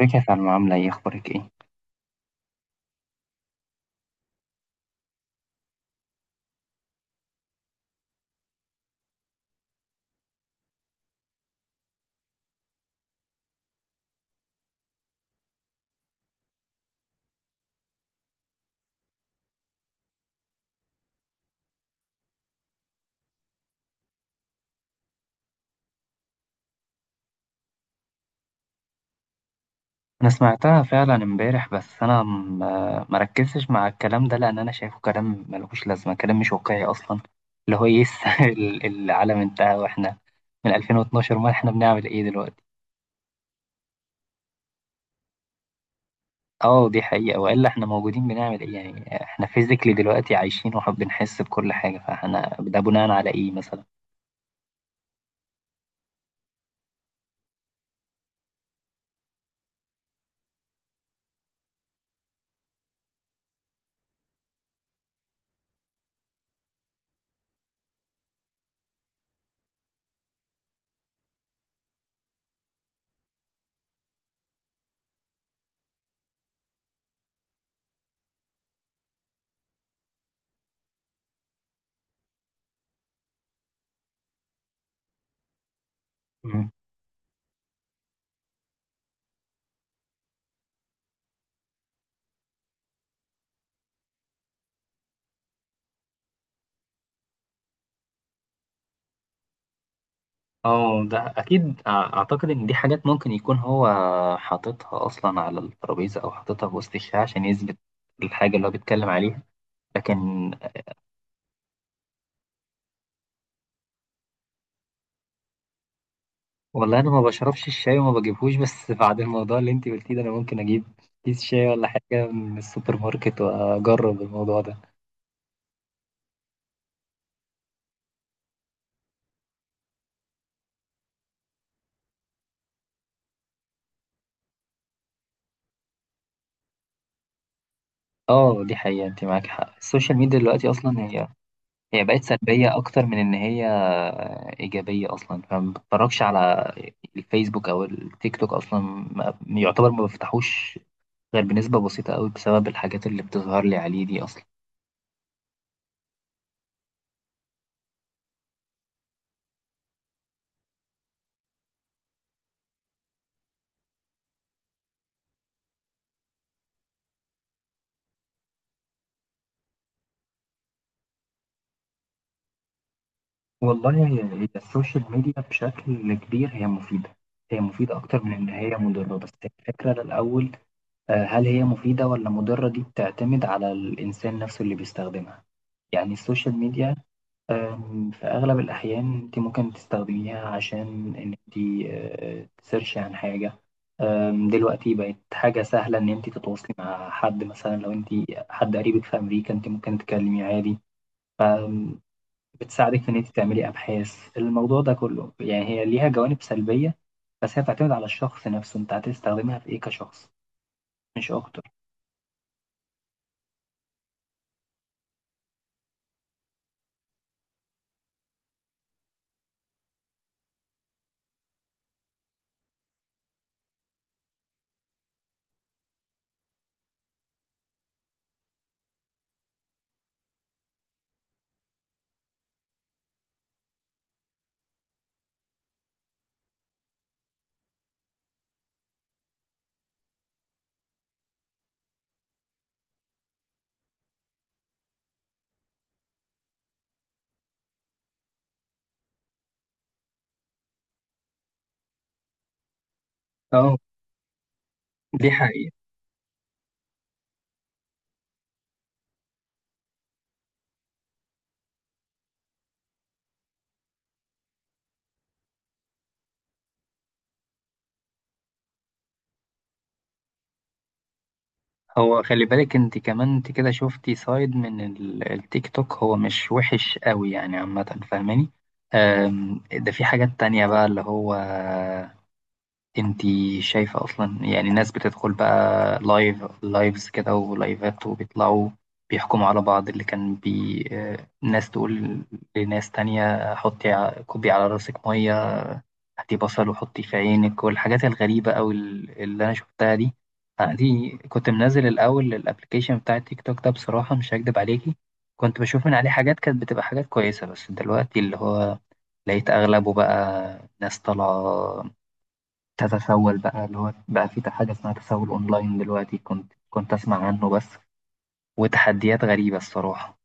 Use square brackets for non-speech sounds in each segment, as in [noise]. ازيك يا سلمى، عاملة ايه؟ اخبارك ايه؟ انا سمعتها فعلا امبارح، بس ما ركزتش مع الكلام ده، لان انا شايفه كلام ملوش لازمة، كلام مش واقعي اصلا. اللي هو ايه [laughs] العالم انتهى واحنا من 2012؟ ما احنا بنعمل ايه دلوقتي؟ اه دي حقيقة، والا احنا موجودين بنعمل ايه؟ يعني احنا فيزيكلي دلوقتي عايشين وبنحس بكل حاجة، فاحنا ده بناء على ايه مثلا؟ اه ده اكيد. اعتقد ان دي حاجات ممكن يكون هو حاططها اصلا على الترابيزه، او حاططها في وسط الشاي عشان يثبت الحاجه اللي هو بيتكلم عليها. لكن، والله انا ما بشربش الشاي وما بجيبهوش، بس [laughs] بعد الموضوع اللي انت قلتيه ده، انا ممكن اجيب كيس شاي ولا حاجه من السوبر ماركت واجرب الموضوع ده. اه دي حقيقه، انت معاك حق. السوشيال ميديا دلوقتي اصلا هي بقت سلبيه اكتر من ان هي ايجابيه اصلا، فما بتفرجش على الفيسبوك او التيك توك اصلا. يعتبر ما بفتحوش ده بنسبة بسيطة قوي، بسبب الحاجات اللي بتظهر لي عليه دي أصلا. والله هي السوشيال ميديا بشكل كبير هي مفيدة. هي مفيدة أكتر من إن هي مضرة. بس الفكرة الأول، هل هي مفيدة ولا مضرة؟ دي بتعتمد على الإنسان نفسه اللي بيستخدمها. يعني السوشيال ميديا، في أغلب الأحيان أنت ممكن تستخدميها عشان إن أنت تسيرشي عن حاجة. دلوقتي بقت حاجة سهلة إن أنت تتواصلي مع حد، مثلا لو أنت حد قريبك في أمريكا أنت ممكن تكلميه عادي. أم، بتساعدك في إن أنت تعملي أبحاث. الموضوع ده كله يعني هي ليها جوانب سلبية، بس هي بتعتمد على الشخص نفسه. أنت هتستخدمها في إيه كشخص، مش أكتر. اه دي حقيقة. هو خلي بالك، انت كمان انت كده شفتي سايد من التيك توك. هو مش وحش قوي يعني، عامة فاهماني؟ ده في حاجات تانية بقى، اللي هو انت شايفة اصلا يعني ناس بتدخل بقى لايف لايفز كده ولايفات، وبيطلعوا بيحكموا على بعض. اللي كان بي آه، ناس تقول لناس تانية حطي كوبي على راسك مية، هاتي بصل وحطي في عينك، والحاجات الغريبة أو اللي أنا شفتها دي. أنا دي كنت منزل الأول الأبلكيشن بتاع التيك توك ده، بصراحة مش هكدب عليكي، كنت بشوف من عليه حاجات كانت بتبقى حاجات كويسة. بس دلوقتي اللي هو لقيت أغلبه بقى ناس طالعة تتسول، بقى اللي هو بقى في حاجة اسمها تسول أونلاين دلوقتي، كنت أسمع عنه بس، وتحديات غريبة الصراحة.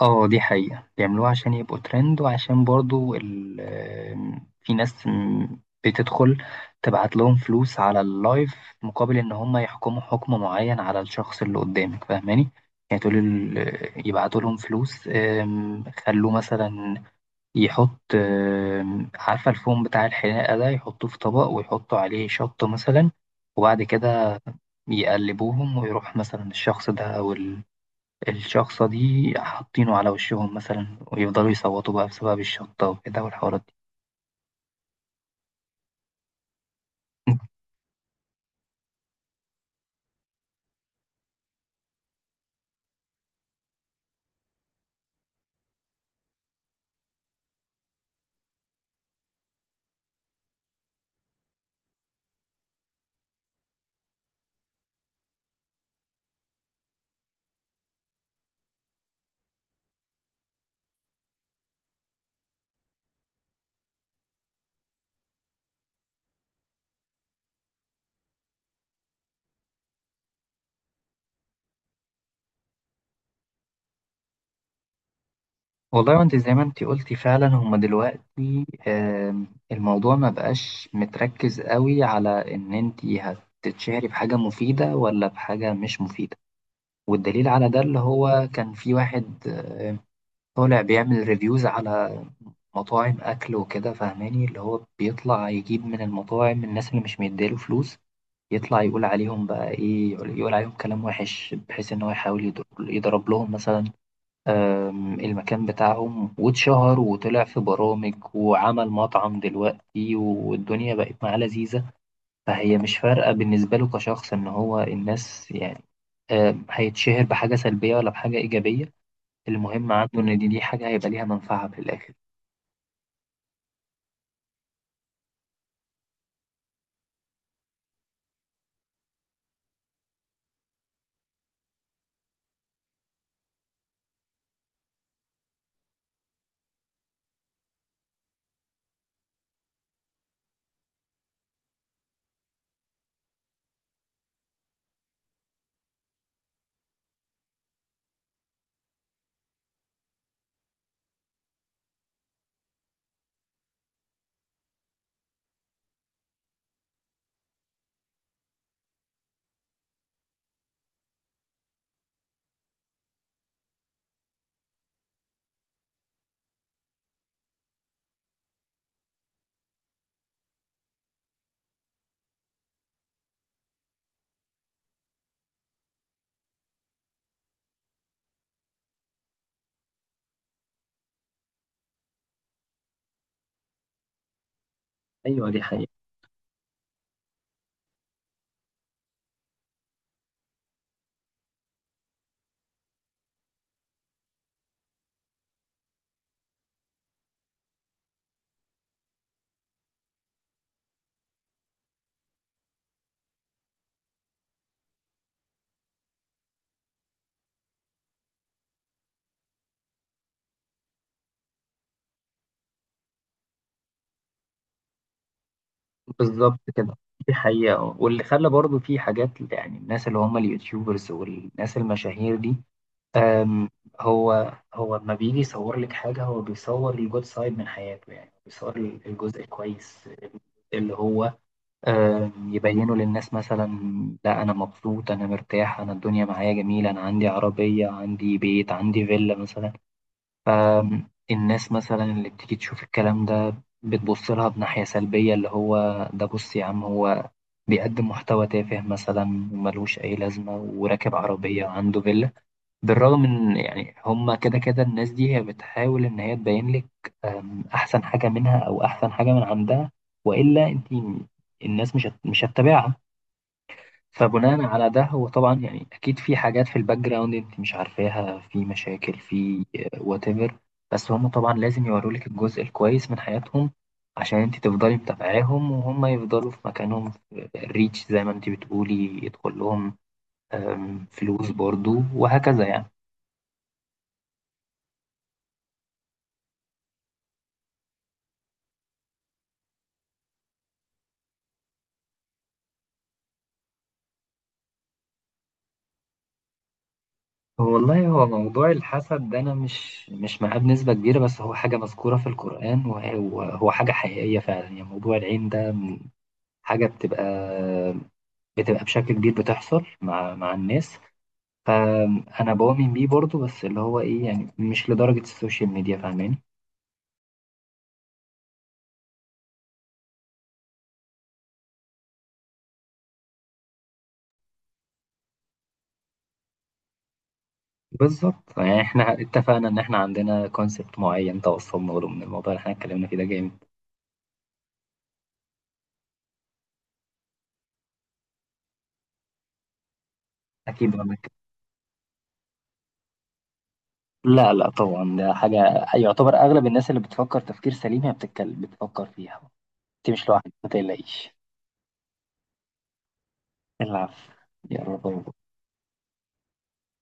اه دي حقيقة، بيعملوها عشان يبقوا ترند، وعشان برضو ال آم، في ناس بتدخل تبعت لهم فلوس على اللايف، مقابل ان هم يحكموا حكم معين على الشخص اللي قدامك، فاهماني؟ يعني تقول يبعتوا لهم فلوس، خلوه مثلا يحط، عارفة الفوم بتاع الحلاقة ده، يحطوه في طبق ويحطوا عليه شطة مثلا، وبعد كده يقلبوهم، ويروح مثلا الشخص ده، الشخصة دي حاطينه على وشهم مثلا، ويفضلوا يصوتوا بقى بسبب الشطة وكده والحوارات دي. والله، وانت زي ما انت قلتي فعلا، هما دلوقتي الموضوع ما بقاش متركز قوي على ان انت هتتشهري بحاجة مفيدة ولا بحاجة مش مفيدة. والدليل على ده، اللي هو كان في واحد طالع بيعمل ريفيوز على مطاعم أكل وكده، فاهماني؟ اللي هو بيطلع يجيب من المطاعم الناس اللي مش مديله فلوس، يطلع يقول عليهم بقى إيه، يقول عليهم كلام وحش، بحيث إن هو يحاول يضرب لهم مثلا المكان بتاعهم. واتشهر وطلع في برامج وعمل مطعم دلوقتي، والدنيا بقت معاه لذيذة. فهي مش فارقة بالنسبة له كشخص، إن هو الناس يعني هيتشهر بحاجة سلبية ولا بحاجة إيجابية. المهم عنده إن دي حاجة هيبقى ليها منفعة في الآخر. أيوة دي حقيقة. بالظبط كده. دي حقيقة، واللي خلى برضو في حاجات يعني الناس اللي هم اليوتيوبرز والناس المشاهير دي، أم، هو لما بيجي يصور لك حاجة، هو بيصور الجود سايد من حياته، يعني بيصور الجزء الكويس اللي هو يبينه للناس. مثلا: لا أنا مبسوط، أنا مرتاح، أنا الدنيا معايا جميلة، أنا عندي عربية، عندي بيت، عندي فيلا مثلا. فالناس مثلا اللي بتيجي تشوف الكلام ده بتبص لها بناحية سلبية، اللي هو ده، بص يا عم، هو بيقدم محتوى تافه مثلا ملوش أي لازمة وراكب عربية وعنده فيلا، بالرغم إن يعني هما كده كده الناس دي هي بتحاول إن هي تبين لك أحسن حاجة منها أو أحسن حاجة من عندها، وإلا أنت الناس مش هتتابعها. فبناء على ده، هو طبعا يعني اكيد في حاجات في الباك جراوند انت مش عارفاها، في مشاكل في وات ايفر، بس هم طبعا لازم يوروا لك الجزء الكويس من حياتهم، عشان انت تفضلي متابعاهم، وهم يفضلوا في مكانهم في الريتش زي ما انت بتقولي، يدخل لهم فلوس برضو، وهكذا يعني. والله، هو موضوع الحسد ده انا مش معاه بنسبة كبيرة، بس هو حاجة مذكورة في القرآن، وهو حاجة حقيقية فعلا يعني. موضوع العين ده حاجة بتبقى بشكل كبير بتحصل مع الناس. فانا بؤمن بيه برضو، بس اللي هو ايه يعني، مش لدرجة السوشيال ميديا، فاهماني؟ بالظبط. يعني احنا اتفقنا ان احنا عندنا كونسبت معين توصلنا له من الموضوع اللي احنا اتكلمنا فيه ده، جامد. اكيد، ولا لا لا طبعا، ده حاجة يعتبر اغلب الناس اللي بتفكر تفكير سليم هي بتتكلم بتفكر فيها. انت مش لوحدك، ما تقلقيش. العفو. يا رب.